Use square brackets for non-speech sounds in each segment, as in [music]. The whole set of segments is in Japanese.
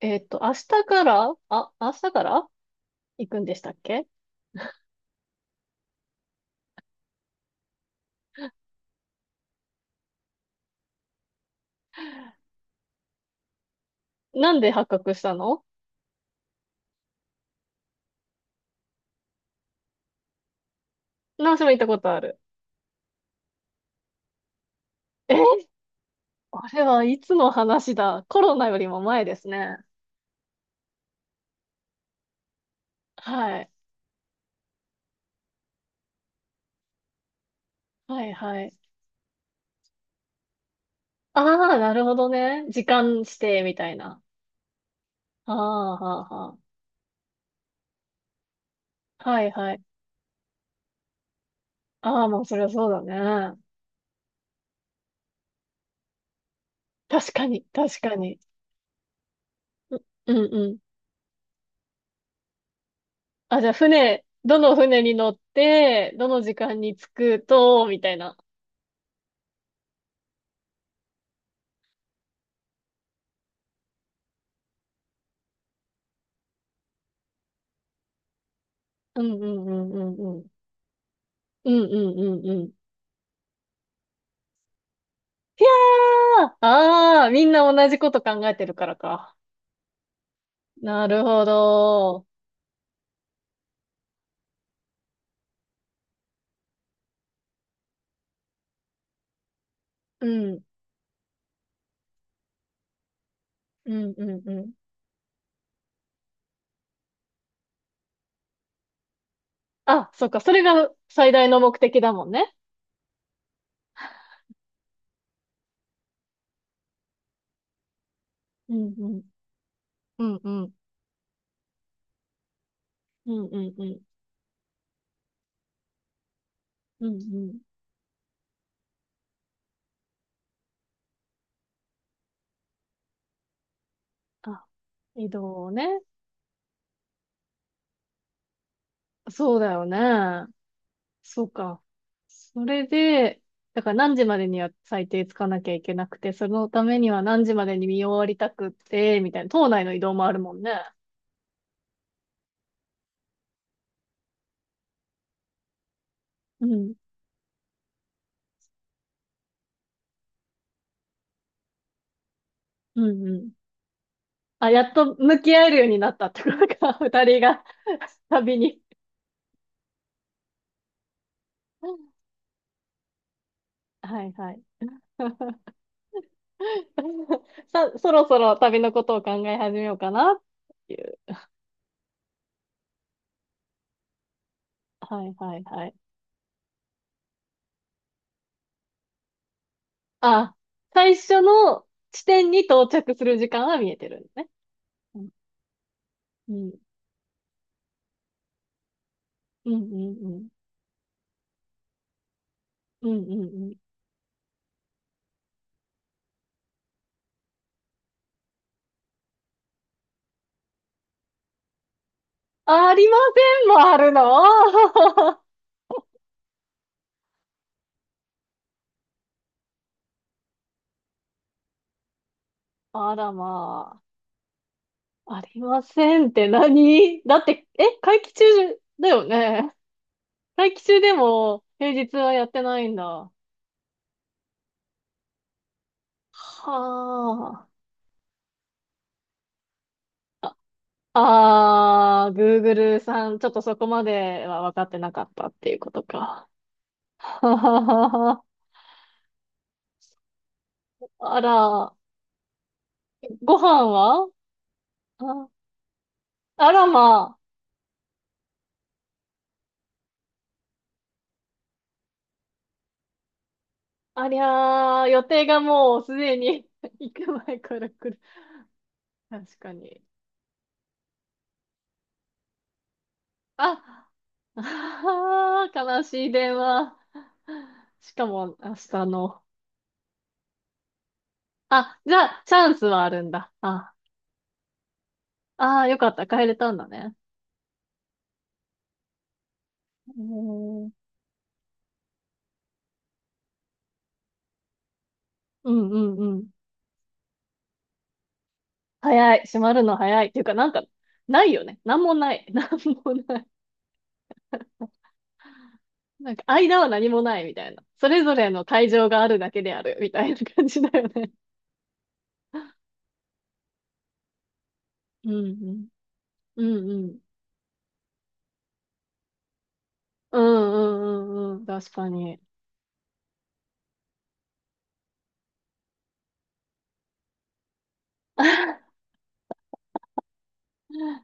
明日から行くんでしたっけ？なんで発覚したの？何しも行ったことある。えあれはいつの話だ？コロナよりも前ですね。はい。はいはい。ああ、なるほどね。時間指定みたいな。ああ、はあ、はあ。はいはい。ああ、もうそりゃそうだね。確かに、確かに。う、うんうん。あ、じゃあ船、どの船に乗って、どの時間に着くと、みたいな。うんうんうんうんうん。うんうんうんうん。いやー、ああー、みんな同じこと考えてるからか。なるほど。うん、うんうんうん。あ、そっか、それが最大の目的だもんね。うんうん。うんうん。うんうんうん。うんうん。あ、移動ね。そうだよね。そうか。それで、だから何時までには最低つかなきゃいけなくて、そのためには何時までに見終わりたくって、みたいな、島内の移動もあるもんね。うん、うん、うん。あ、やっと向き合えるようになったってことか、[laughs] 二人が旅に。はいはい。[laughs] さ、そろそろ旅のことを考え始めようかなっていう。はいはいはい。あ、最初の地点に到着する時間は見えてるんですね。うん、うん、うん、うん、うん、うんうんうん。ありませんもあるの？ [laughs] あらまあ。ありませんって何だって、会期中だよね。待機中でも平日はやってないんだ。はあ。あ、あー、Google さん、ちょっとそこまでは分かってなかったっていうことか。[laughs] はははは。あら、ご飯はあ、あらまあ、ありゃー、予定がもうすでに [laughs] 行く前から来る。確かに。あ、あー、悲しい電話。しかも明日の。あ、じゃあ、チャンスはあるんだ。あああ、よかった。帰れたんだね。うーん、うんうんうん。早い。閉まるの早い。っていうか、なんか、ないよね。なんもない。[laughs] なんもない。なんか、間は何もないみたいな。それぞれの会場があるだけであるみたいな感じだよね。うんうん。うんうん。うんうんうんうん。確かに。[laughs]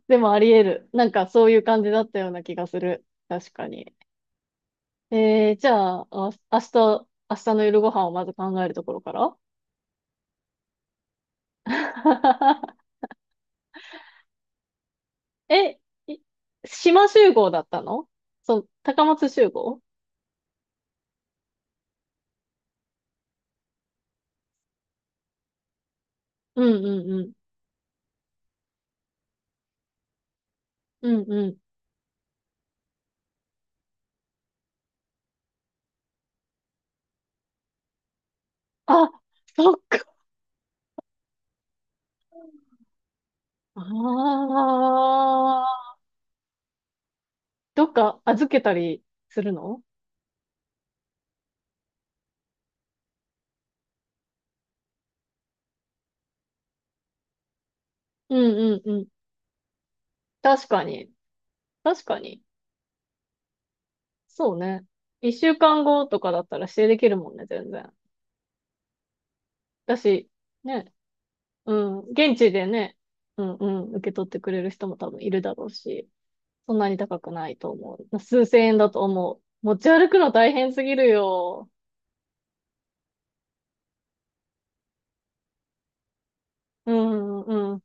でもあり得る。なんかそういう感じだったような気がする。確かに。じゃあ、明日の夜ご飯をまず考えるところから [laughs] え、い島集合だったの？そう、高松集合？うんうんうん。うんうん。あ、そっか。ああ、どっか預けたりするの？うんうんうん。確かに。確かに。そうね。一週間後とかだったら指定できるもんね、全然。だし、ね。うん。現地でね。うんうん。受け取ってくれる人も多分いるだろうし。そんなに高くないと思う。数千円だと思う。持ち歩くの大変すぎるよ。うん、うん、うん、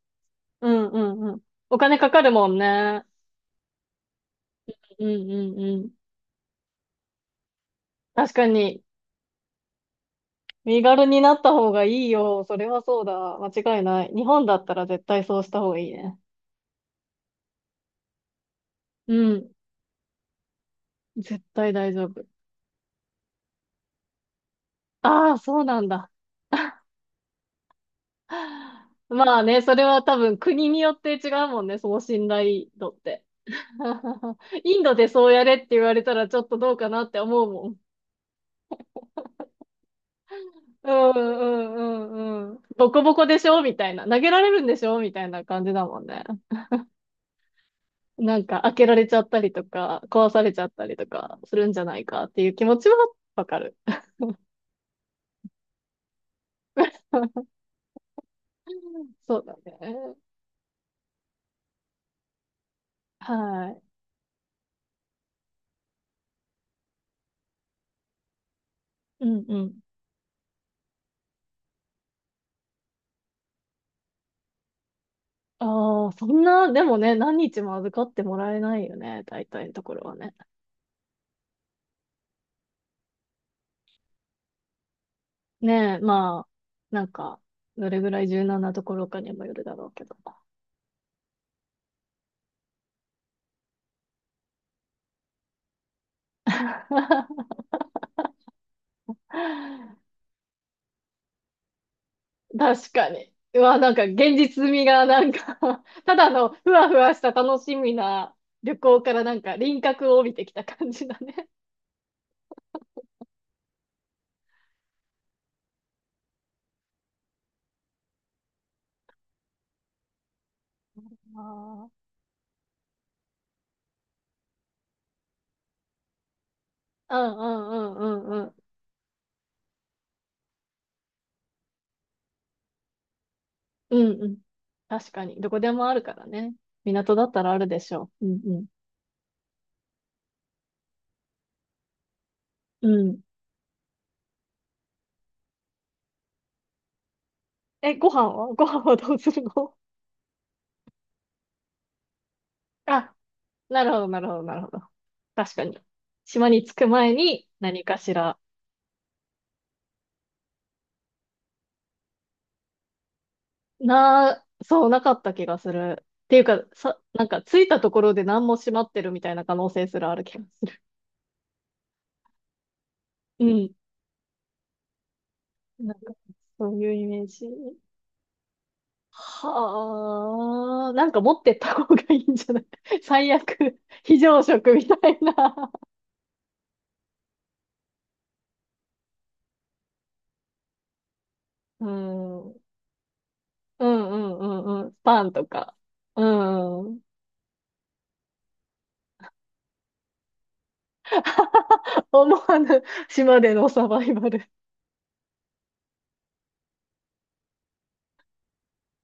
うん、うん。お金かかるもんね。うん、うん、うん。確かに、身軽になった方がいいよ。それはそうだ。間違いない。日本だったら絶対そうした方がいいね。うん。絶対大丈夫。ああ、そうなんだ。[laughs] まあね、それは多分国によって違うもんね、その信頼度って。[laughs] インドでそうやれって言われたらちょっとどうかなって思うもん。うんうんうんうん。ボコボコでしょみたいな。投げられるんでしょみたいな感じだもんね。なんか開けられちゃったりとか、壊されちゃったりとかするんじゃないかっていう気持ちはわかる。そうだね。はい。うんうん。ああ、そんな、でもね、何日も預かってもらえないよね。大体のところはね。ねえ、まあ、なんか、どれぐらい柔軟なところかにもよるだろうけど。[laughs] 確かに。うわ、なんか現実味がなんか [laughs] ただのふわふわした楽しみな旅行からなんか輪郭を帯びてきた感じだね。ああうんうんうんうんうん。うんうん。確かに。どこでもあるからね。港だったらあるでしょう。うんうん。うん。ご飯はどうするの？あ、なるほどなるほどなるほど。確かに。島に着く前に何かしら。そう、なかった気がする。っていうか、さ、なんか、着いたところで何も閉まってるみたいな可能性すらある気がする。うん。なんか、そういうイメージ。はあ、なんか持ってった方がいいんじゃない？ [laughs] 最悪、非常食みたいな。うん。うんうんうんうん。パンとか。うん。[laughs] 思わぬ島でのサバイバル。